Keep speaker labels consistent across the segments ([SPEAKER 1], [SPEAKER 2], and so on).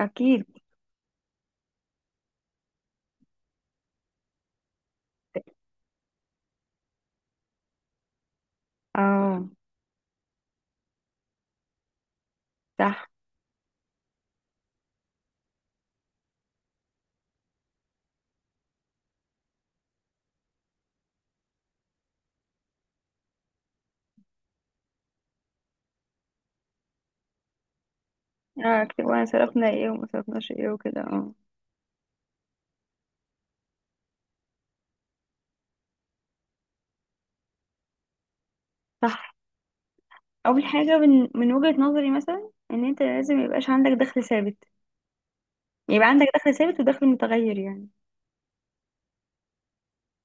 [SPEAKER 1] اكيد. اه. صح. اه، اكتب وانا صرفنا ايه وما صرفناش ايه وكده. اه. صح. اول حاجه من وجهه نظري مثلا ان انت لازم يبقاش عندك دخل ثابت، يبقى عندك دخل ثابت ودخل متغير. يعني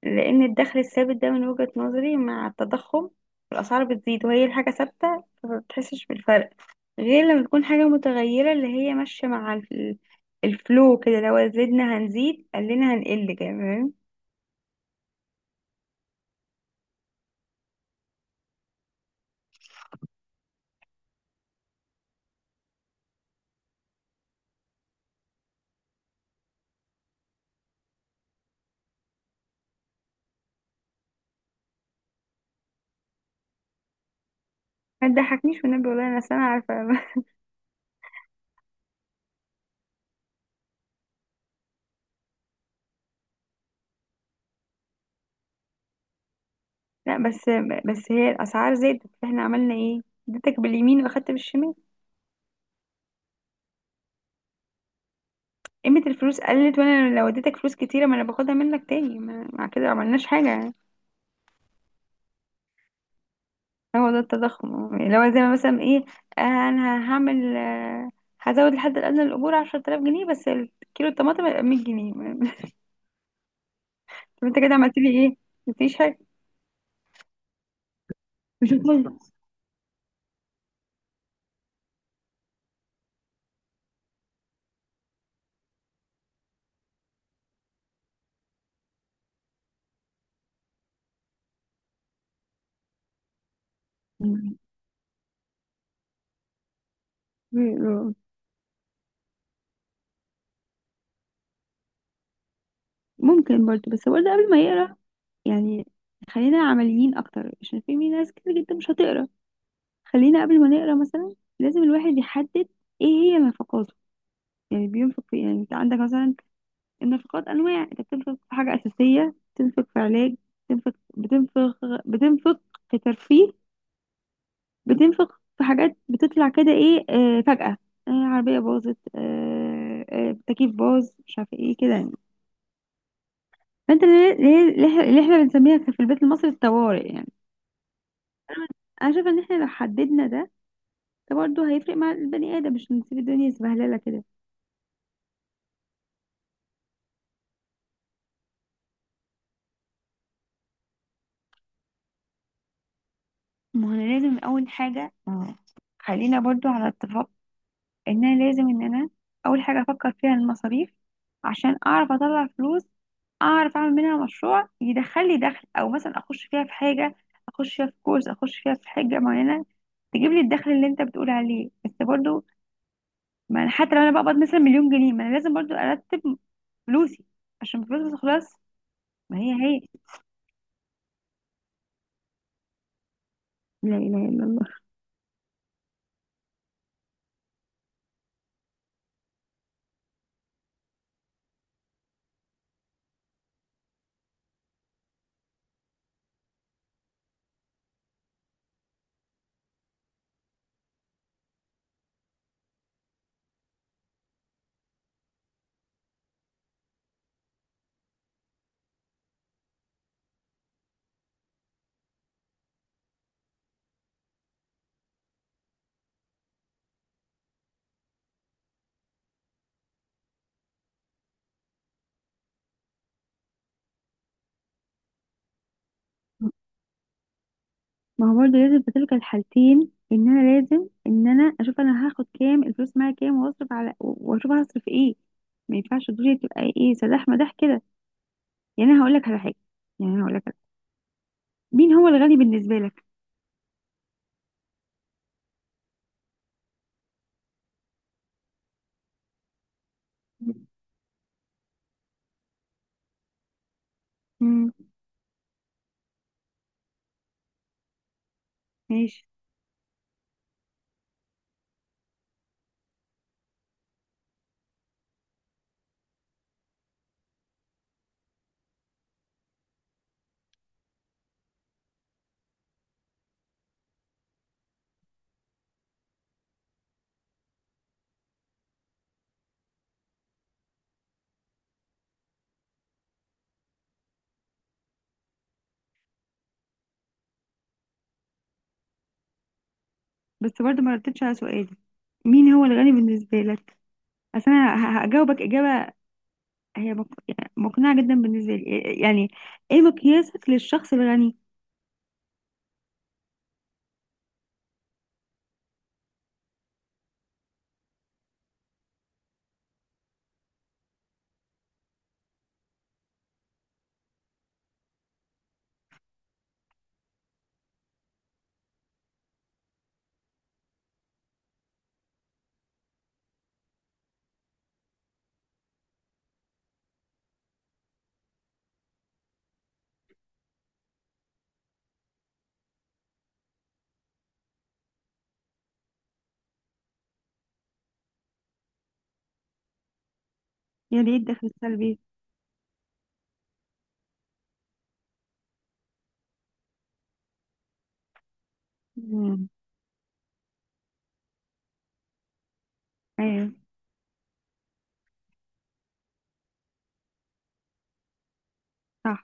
[SPEAKER 1] لان الدخل الثابت ده من وجهه نظري مع التضخم، الاسعار بتزيد وهي الحاجه ثابته فما بتحسش بالفرق، غير لما تكون حاجه متغيره اللي هي ماشيه مع الفلو كده، لو زدنا هنزيد قلنا هنقل كمان. ما تضحكنيش والنبي، والله انا سنه عارفه. لا، بس هي الاسعار زادت فاحنا عملنا ايه؟ اديتك باليمين واخدت بالشمال. قيمة الفلوس قلت، وانا لو اديتك فلوس كتيرة ما انا باخدها منك تاني. مع كده ما عملناش حاجة يعني. هو ده التضخم اه. اللي هو لو زي ما مثلا ايه، انا هعمل، هزود الحد الادنى للاجور 10,000 جنيه بس الكيلو الطماطم هيبقى 100 جنيه. طب انت كده عملت لي ايه؟ مفيش حاجة. مش هتقول؟ ممكن برضه، بس برضه قبل ما يقرا يعني خلينا عمليين اكتر عشان في ناس كتير جدا مش هتقرا. خلينا قبل ما نقرا مثلا لازم الواحد يحدد ايه هي نفقاته. يعني بينفق في، يعني انت عندك مثلا النفقات انواع، انت بتنفق في حاجه اساسيه، بتنفق في علاج، بتنفق بتنفق بتنفق في ترفيه، بتنفق في حاجات بتطلع كده ايه فجأة. عربيه باظت، تكييف باظ، مش عارفه ايه كده يعني. فانت اللي احنا بنسميها في البيت المصري الطوارئ يعني. انا شايفه ان احنا لو حددنا ده، ده برضه هيفرق مع البني ادم، مش نسيب الدنيا سبهلله كده. ما هو انا لازم اول حاجه، خلينا برضو على اتفاق ان انا لازم ان انا اول حاجه افكر فيها المصاريف عشان اعرف اطلع فلوس، اعرف اعمل منها مشروع يدخل لي دخل، او مثلا اخش فيها في حاجه، اخش فيها في كورس، اخش فيها في حاجه معينه تجيب لي الدخل اللي انت بتقول عليه. بس برضو ما انا حتى لو انا بقبض مثلا مليون جنيه ما انا لازم برضو ارتب فلوسي عشان الفلوس ما تخلص. ما هي هي. لا اله الا الله. ما هو برضه لازم في تلك الحالتين ان انا لازم ان انا اشوف انا هاخد كام، الفلوس معايا كام، واصرف على واشوف هصرف ايه. ما ينفعش الدنيا تبقى ايه سداح مداح كده. يعني انا هقول لك على حاجه. يعني انا هقول لك على حاجة. مين هو الغني بالنسبه لك؟ امم. ماشي. بس برضه ما ردتش على سؤالي، مين هو الغني بالنسبه لك؟ اصل انا هجاوبك اجابه هي يعني مقنعه جدا بالنسبه لي. يعني ايه مقياسك للشخص الغني؟ يعني ايه الدخل السلبي؟ امم. ايوه. صح.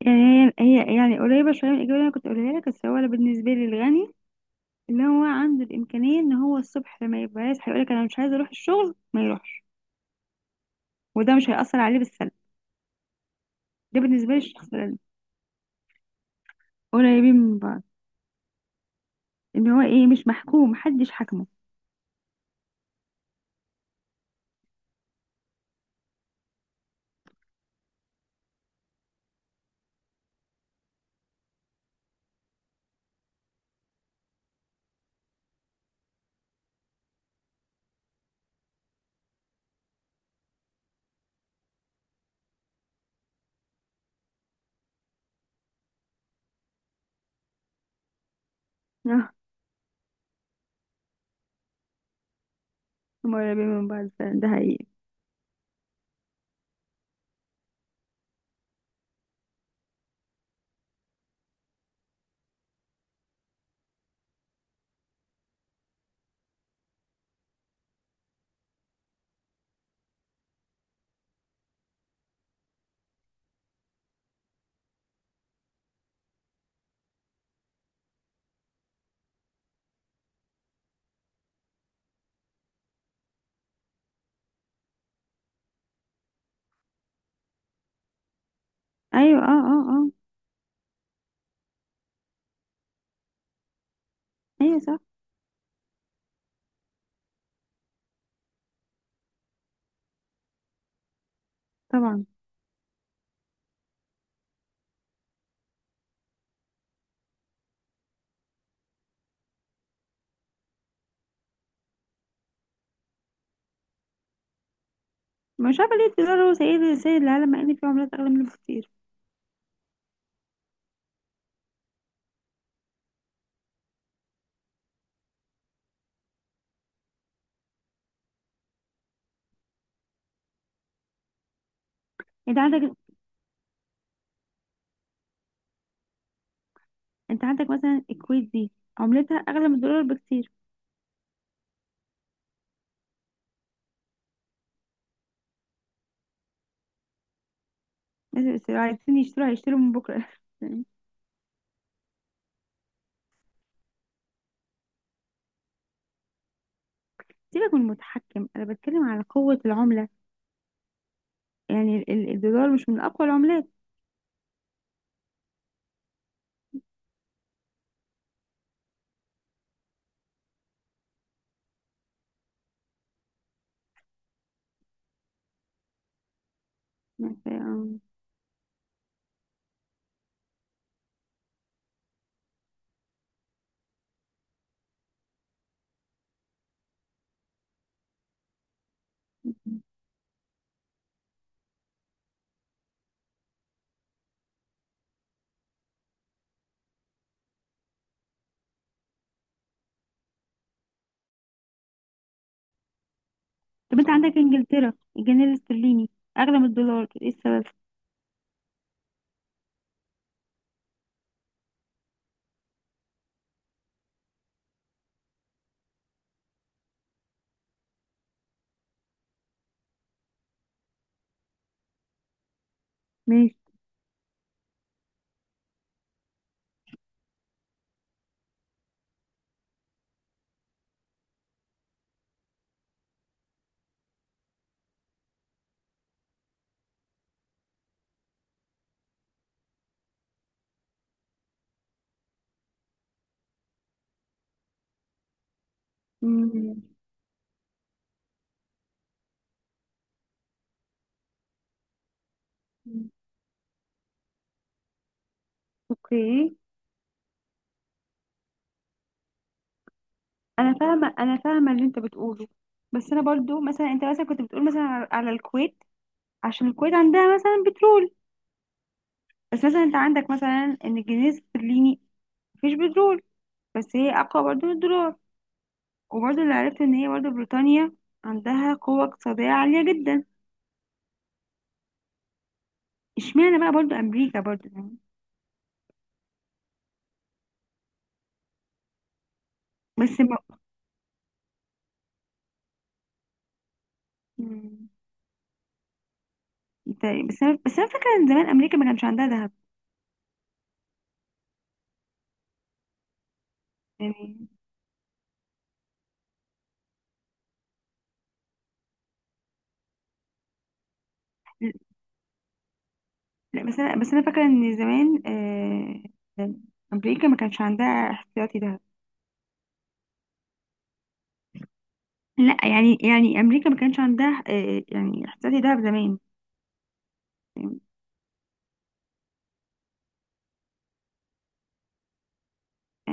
[SPEAKER 1] يعني هي هي يعني قريبة شوية من الإجابة اللي أنا كنت أقولها لك، بس هو أنا بالنسبة لي الغني اللي هو عنده الإمكانية إن هو الصبح لما يبقى يصحى يقولك أنا مش عايز أروح الشغل ما يروحش، وده مش هيأثر عليه بالسلب. ده بالنسبة لي الشخص الغني. قريبين من بعض. إن هو إيه، مش محكوم، محدش حكمه. آه. هما قريبين من بعض فعلا، ده حقيقي. أيوة. أه. أه. أه. أيوة. صح. طبعا. مش عارفة ليه الدولار هو سيد العالم مع إن في عملات أغلى منه بكتير. أنت عندك أنت عندك مثلا الكويت دي عملتها أغلى من الدولار بكتير. الناس عايزين يشتروا هيشتروا من بكرة. سيبك من المتحكم، أنا بتكلم على قوة العملة. يعني الدولار مش من أقوى العملات. طب أنت صح، عندك إنجلترا، الجنيه الاسترليني أغلى من الدولار، إيه السبب؟ ماشي. مم. اوكي. انا فاهمه، انا فاهمه اللي انت بتقوله. بس انا برضو مثلا، انت مثلا كنت بتقول مثلا على الكويت عشان الكويت عندها مثلا بترول. بس مثلا انت عندك مثلا ان الجنيه الاسترليني مفيش بترول بس هي اقوى برضو من الدولار. وبرضه اللي عرفت ان هي برضه بريطانيا عندها قوة اقتصادية عالية جدا. اشمعنى بقى برضه امريكا برضه يعني؟ بس ما... مم. طيب، بس انا فاكرة ان زمان امريكا ما كانش عندها ذهب يعني. لا، بس انا فاكرة ان زمان، آه... امريكا ما كانش عندها احتياطي ذهب. لا يعني، امريكا ما كانش عندها يعني احتياطي ذهب زمان